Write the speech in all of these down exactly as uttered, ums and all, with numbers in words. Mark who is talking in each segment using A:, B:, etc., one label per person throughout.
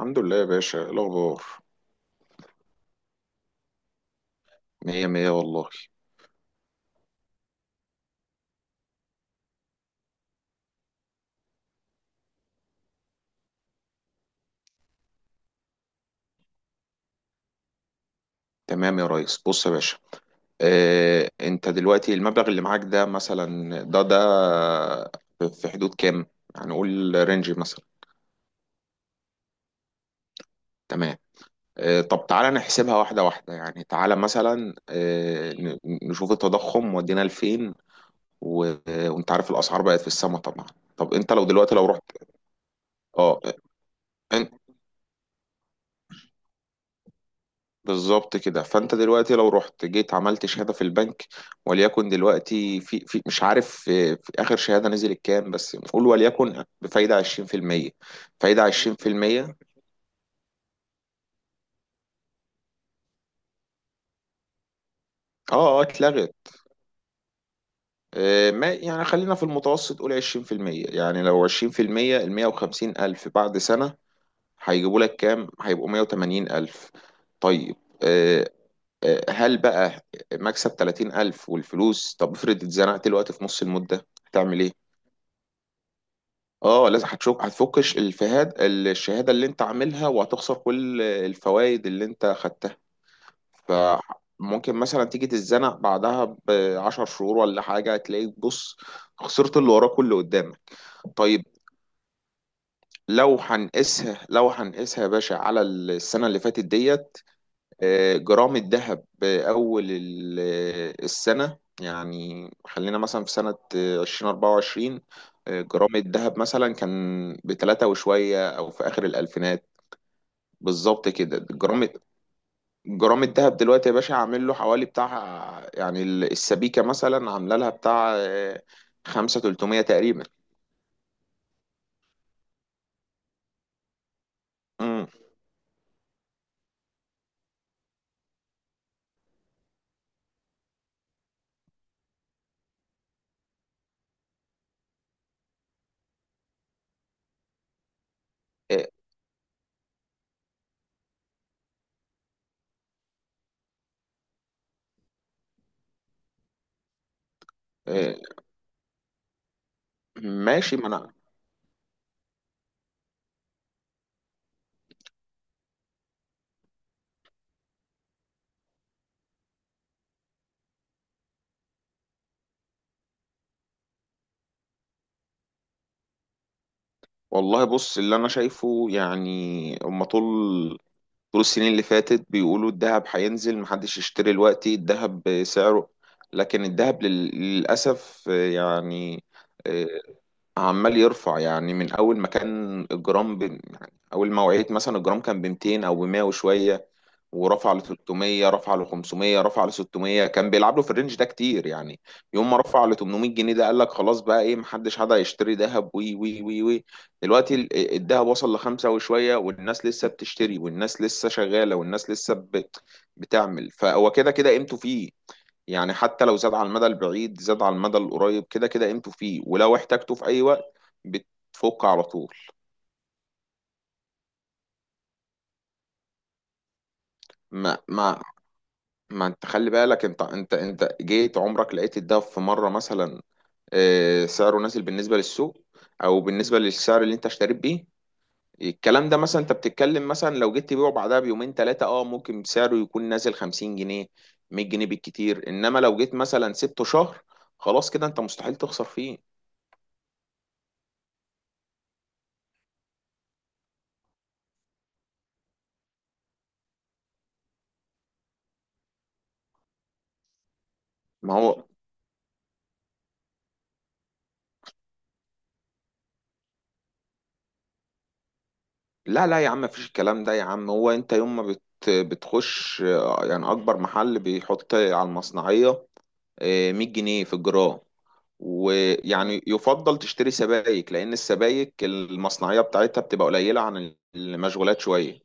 A: الحمد لله يا باشا، إيه الأخبار؟ مية مية والله. تمام يا ريس، بص يا باشا. اه انت دلوقتي المبلغ اللي معاك ده مثلا ده ده في حدود كام؟ يعني قول رينج مثلا. تمام. اه طب تعالى نحسبها واحدة واحدة، يعني تعالى مثلا، اه ن- نشوف التضخم ودينا لفين. و- وانت عارف الأسعار بقت في السما طبعا. طب انت لو دلوقتي لو رحت. اه بالظبط كده، فانت دلوقتي لو رحت جيت عملت شهاده في البنك. وليكن دلوقتي في, في مش عارف في, في اخر شهاده نزلت كام، بس نقول وليكن بفايده عشرين في المية. فايده عشرين في المية. اه اه اتلغت. آه، ما يعني خلينا في المتوسط قول عشرين في المية. يعني لو عشرين في المية، ال مية وخمسين ألف بعد سنة هيجيبوا لك كام؟ هيبقوا مية وتمانين ألف. طيب. آه، آه، هل بقى مكسب تلاتين ألف والفلوس؟ طب افرض اتزنقت الوقت في نص المدة هتعمل إيه؟ اه لازم هتشوف هتفك الش- الفهاد الشهاده اللي انت عاملها، وهتخسر كل الفوائد اللي انت خدتها. فممكن مثلا تيجي تتزنق بعدها بعشر شهور ولا حاجه، هتلاقيك بص، خسرت اللي وراك واللي قدامك. طيب. لو هنقيسها لو هنقيسها يا باشا على السنه اللي فاتت ديت. آه، جرام الذهب بأول ال- آه، السنة، يعني خلينا مثلا في سنة آه، عشرين أربعة وعشرين. آه، جرام الذهب مثلا كان بتلاتة وشوية، أو في آخر الألفينات بالظبط كده، جرام. جرام الذهب دلوقتي يا باشا عامل له حوالي بتاع، يعني ال- السبيكة مثلا عاملة لها بتاع آه، خمسة تلتمية تقريبا. مم. آه، آه، ماشي ما أنا. والله بص، اللي أنا شايفه يعني، هما طول طول السنين اللي فاتت بيقولوا الذهب هينزل، محدش يشتري دلوقتي الذهب سعره. لكن الذهب لل- للأسف آه، يعني آه، عمال يرفع. يعني من أول ما كان الجرام ب... يعني أول ما وعيت مثلا الجرام كان ب ميتين، أو ب مية وشوية. ورفع ل تلتمية، رفع ل خمسمية، رفع ل ستمية، كان بيلعب له في الرينج ده كتير يعني. يوم ما رفع ل تمنمية جنيه، ده قال لك خلاص بقى ايه، محدش حد هيشتري ذهب، وي وي وي وي. دلوقتي ال- آه، الذهب وصل لخمسة وشوية، والناس لسه بتشتري، والناس لسه شغالة، والناس لسه بت- بتعمل. فهو كده كده قيمته فيه. يعني حتى لو زاد على المدى البعيد، زاد على المدى القريب، كده كده قيمته فيه. ولو احتاجته في اي وقت بتفك على طول. ما ما ما انت خلي بالك. انت انت انت جيت عمرك لقيت الدهب في مره مثلا آه، سعره نازل بالنسبه للسوق، او بالنسبه للسعر اللي انت اشتريت بيه؟ الكلام ده مثلا انت بتتكلم، مثلا لو جيت تبيعه بعدها بيومين ثلاثه اه ممكن سعره يكون نازل خمسين جنيه، مية جنيه بالكتير. انما لو جيت مثلا سبته شهر خلاص كده، انت مستحيل تخسر فيه. ما هو، لا لا يا عم، مفيش الكلام ده يا عم. هو انت يوم ما بت بتخش آه، يعني، اكبر محل بيحط على المصنعيه آه، مية جنيه في الجرام. ويعني يفضل تشتري سبائك، لأن السبائك المصنعية بتاعتها بتبقى قليلة عن المشغولات شوية.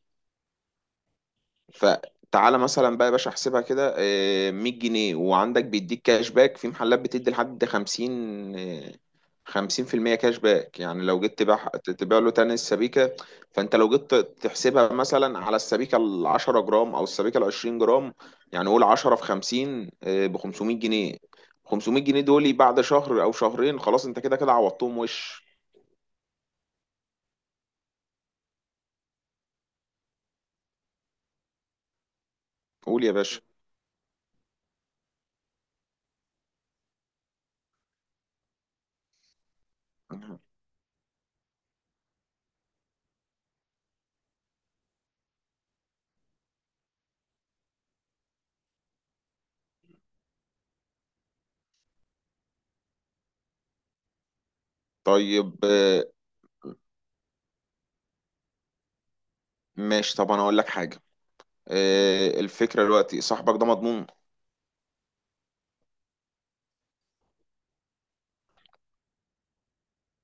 A: فتعالى مثلا بقى يا باشا احسبها كده، آه، مية جنيه، وعندك بيديك كاش باك في محلات بتدي لحد خمسين، آه، خمسين في المية كاش باك. يعني لو جيت تبيع، تبيع له تاني السبيكة. فانت لو جيت تحسبها مثلا على السبيكة ال عشرة جرام او السبيكة ال عشرين جرام، يعني قول عشرة في خمسين ب خمسمية جنيه. خمسمية جنيه دول بعد شهر او شهرين خلاص، انت كده كده عوضتهم وش. قول يا باشا. طيب آه، ماشي، طب انا اقول لك حاجة. آه، الفكرة دلوقتي، صاحبك ده مضمون؟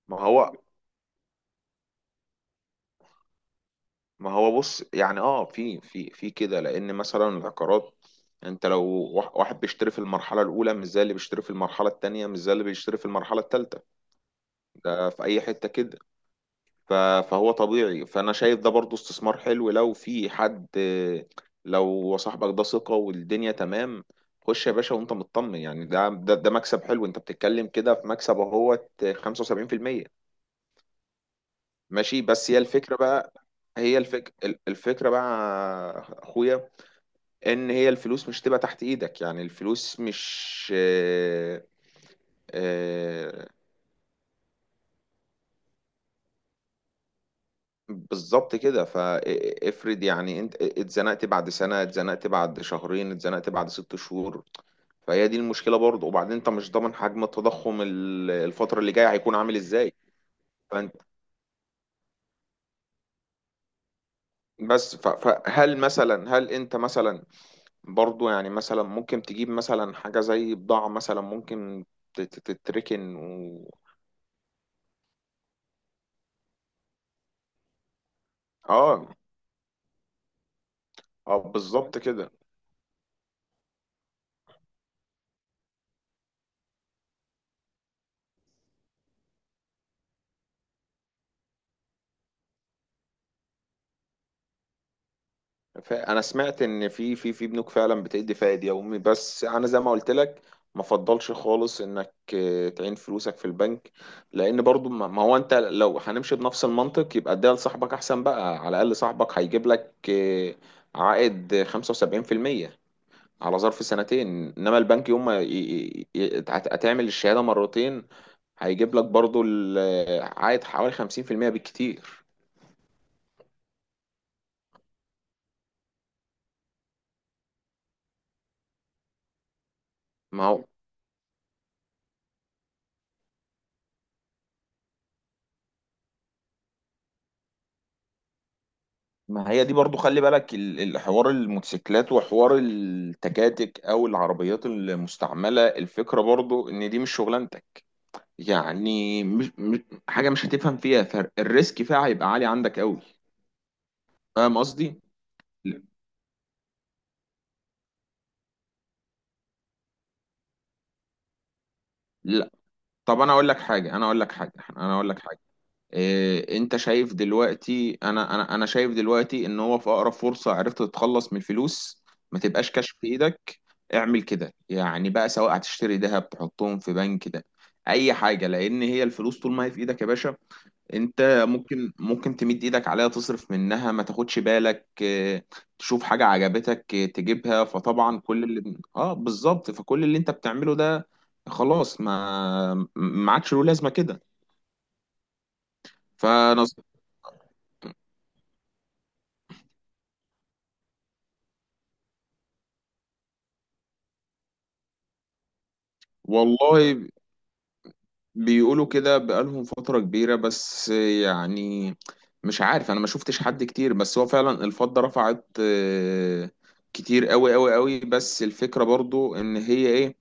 A: ما هو ما هو بص، يعني اه في في في كده، لان مثلا العقارات، انت لو واح- واحد بيشتري في المرحلة الأولى مش زي اللي بيشتري في المرحلة التانية، مش زي اللي بيشتري في المرحلة التالتة. ده في أي حتة كده. ف- فهو طبيعي. فأنا شايف ده برضو استثمار حلو، لو في حد آه، لو صاحبك ده ثقة والدنيا تمام. خش يا باشا وانت مطمن، يعني ده ده, ده مكسب حلو، انت بتتكلم كده في مكسب اهوت خمسة وسبعين في المية. ماشي، بس هي الفكرة بقى. هي الفك... ال- الفكرة بقى يا أخويا، إن هي الفلوس مش تبقى تحت إيدك. يعني الفلوس مش آه، آه، بالظبط كده. فافرض يعني أنت اتزنقت بعد سنة، اتزنقت بعد شهرين، اتزنقت بعد ست شهور. فهي دي المشكلة برضه، وبعدين أنت مش ضامن حجم التضخم ال- الفترة اللي جاية هيكون عامل إزاي. فأنت بس ف- فهل مثلا، هل أنت مثلا برضو، يعني مثلا ممكن تجيب مثلا حاجة زي بضاعة مثلا، ممكن تت- تت- تتركن و... اه اه بالظبط كده. ف- انا سمعت ان في في في بنوك فعلا بتدي فائد يومي. بس انا زي ما قلت لك ما فضلش خالص انك آه، تعين فلوسك في البنك. لان برضو، ما ما هو انت لو هنمشي بنفس المنطق يبقى اديها لصاحبك احسن بقى، على الاقل صاحبك هيجيب لك آه، عائد خمسة وسبعين في المية على ظرف سنتين. انما البنك يوم ما ي- ي- ي- هت- هتعمل الشهاده مرتين هيجيب لك برضو ال- عائد حوالي خمسين في المية بالكتير. ما هو، ما هي دي برضو. خلي بالك ال- الحوار الموتوسيكلات، وحوار التكاتك او العربيات المستعمله، الفكره برضو ان دي مش شغلانتك. يعني مش مش حاجه مش هتفهم فيها، فالريسك فيها هيبقى عالي عندك قوي. فاهم قصدي؟ لا. طب انا اقول لك حاجه انا اقول لك حاجه انا اقول لك حاجه. إيه، انت شايف دلوقتي، انا انا انا شايف دلوقتي ان هو في اقرب فرصة عرفت تتخلص من الفلوس، ما تبقاش كاش في ايدك. اعمل كده يعني بقى، سواء هتشتري ذهب، تحطهم في بنك، ده اي حاجة. لان هي الفلوس طول ما هي في ايدك يا باشا، انت ممكن ممكن تمد ايدك عليها تصرف منها، ما تاخدش بالك. إيه، تشوف حاجة عجبتك إيه، تجيبها. فطبعا كل اللي اه بالظبط، فكل اللي انت بتعمله ده خلاص ما ما عادش له لازمة كده. فانا والله، بيقولوا كده بقالهم فترة كبيرة، بس يعني مش عارف، انا ما شفتش حد كتير، بس هو فعلا الفضة رفعت آه، كتير قوي قوي قوي. بس الفكرة برضو ان هي ايه،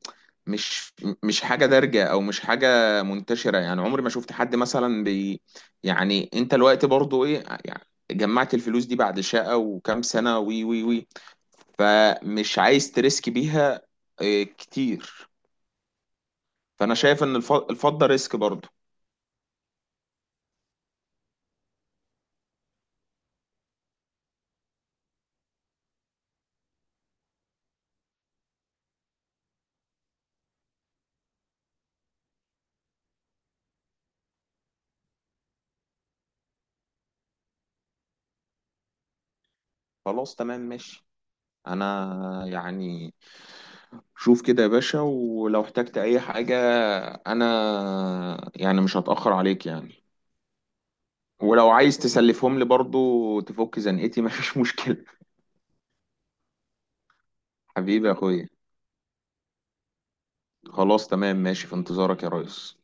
A: مش مش حاجة دارجة او مش حاجة منتشرة. يعني عمري ما شفت حد مثلا بي، يعني انت الوقت برضو ايه يعني، جمعت الفلوس دي بعد شقة وكام سنة وي وي وي، فمش عايز تريسك بيها آه، كتير. فانا شايف ان الف- الفضة ريسك برضو. خلاص تمام ماشي، انا يعني شوف كده يا باشا، ولو احتجت اي حاجة انا يعني مش هتأخر عليك يعني. ولو عايز تسلفهم لي برضو تفك زنقتي مفيش مشكلة. حبيبي يا اخويا، خلاص تمام ماشي، في انتظارك يا ريس.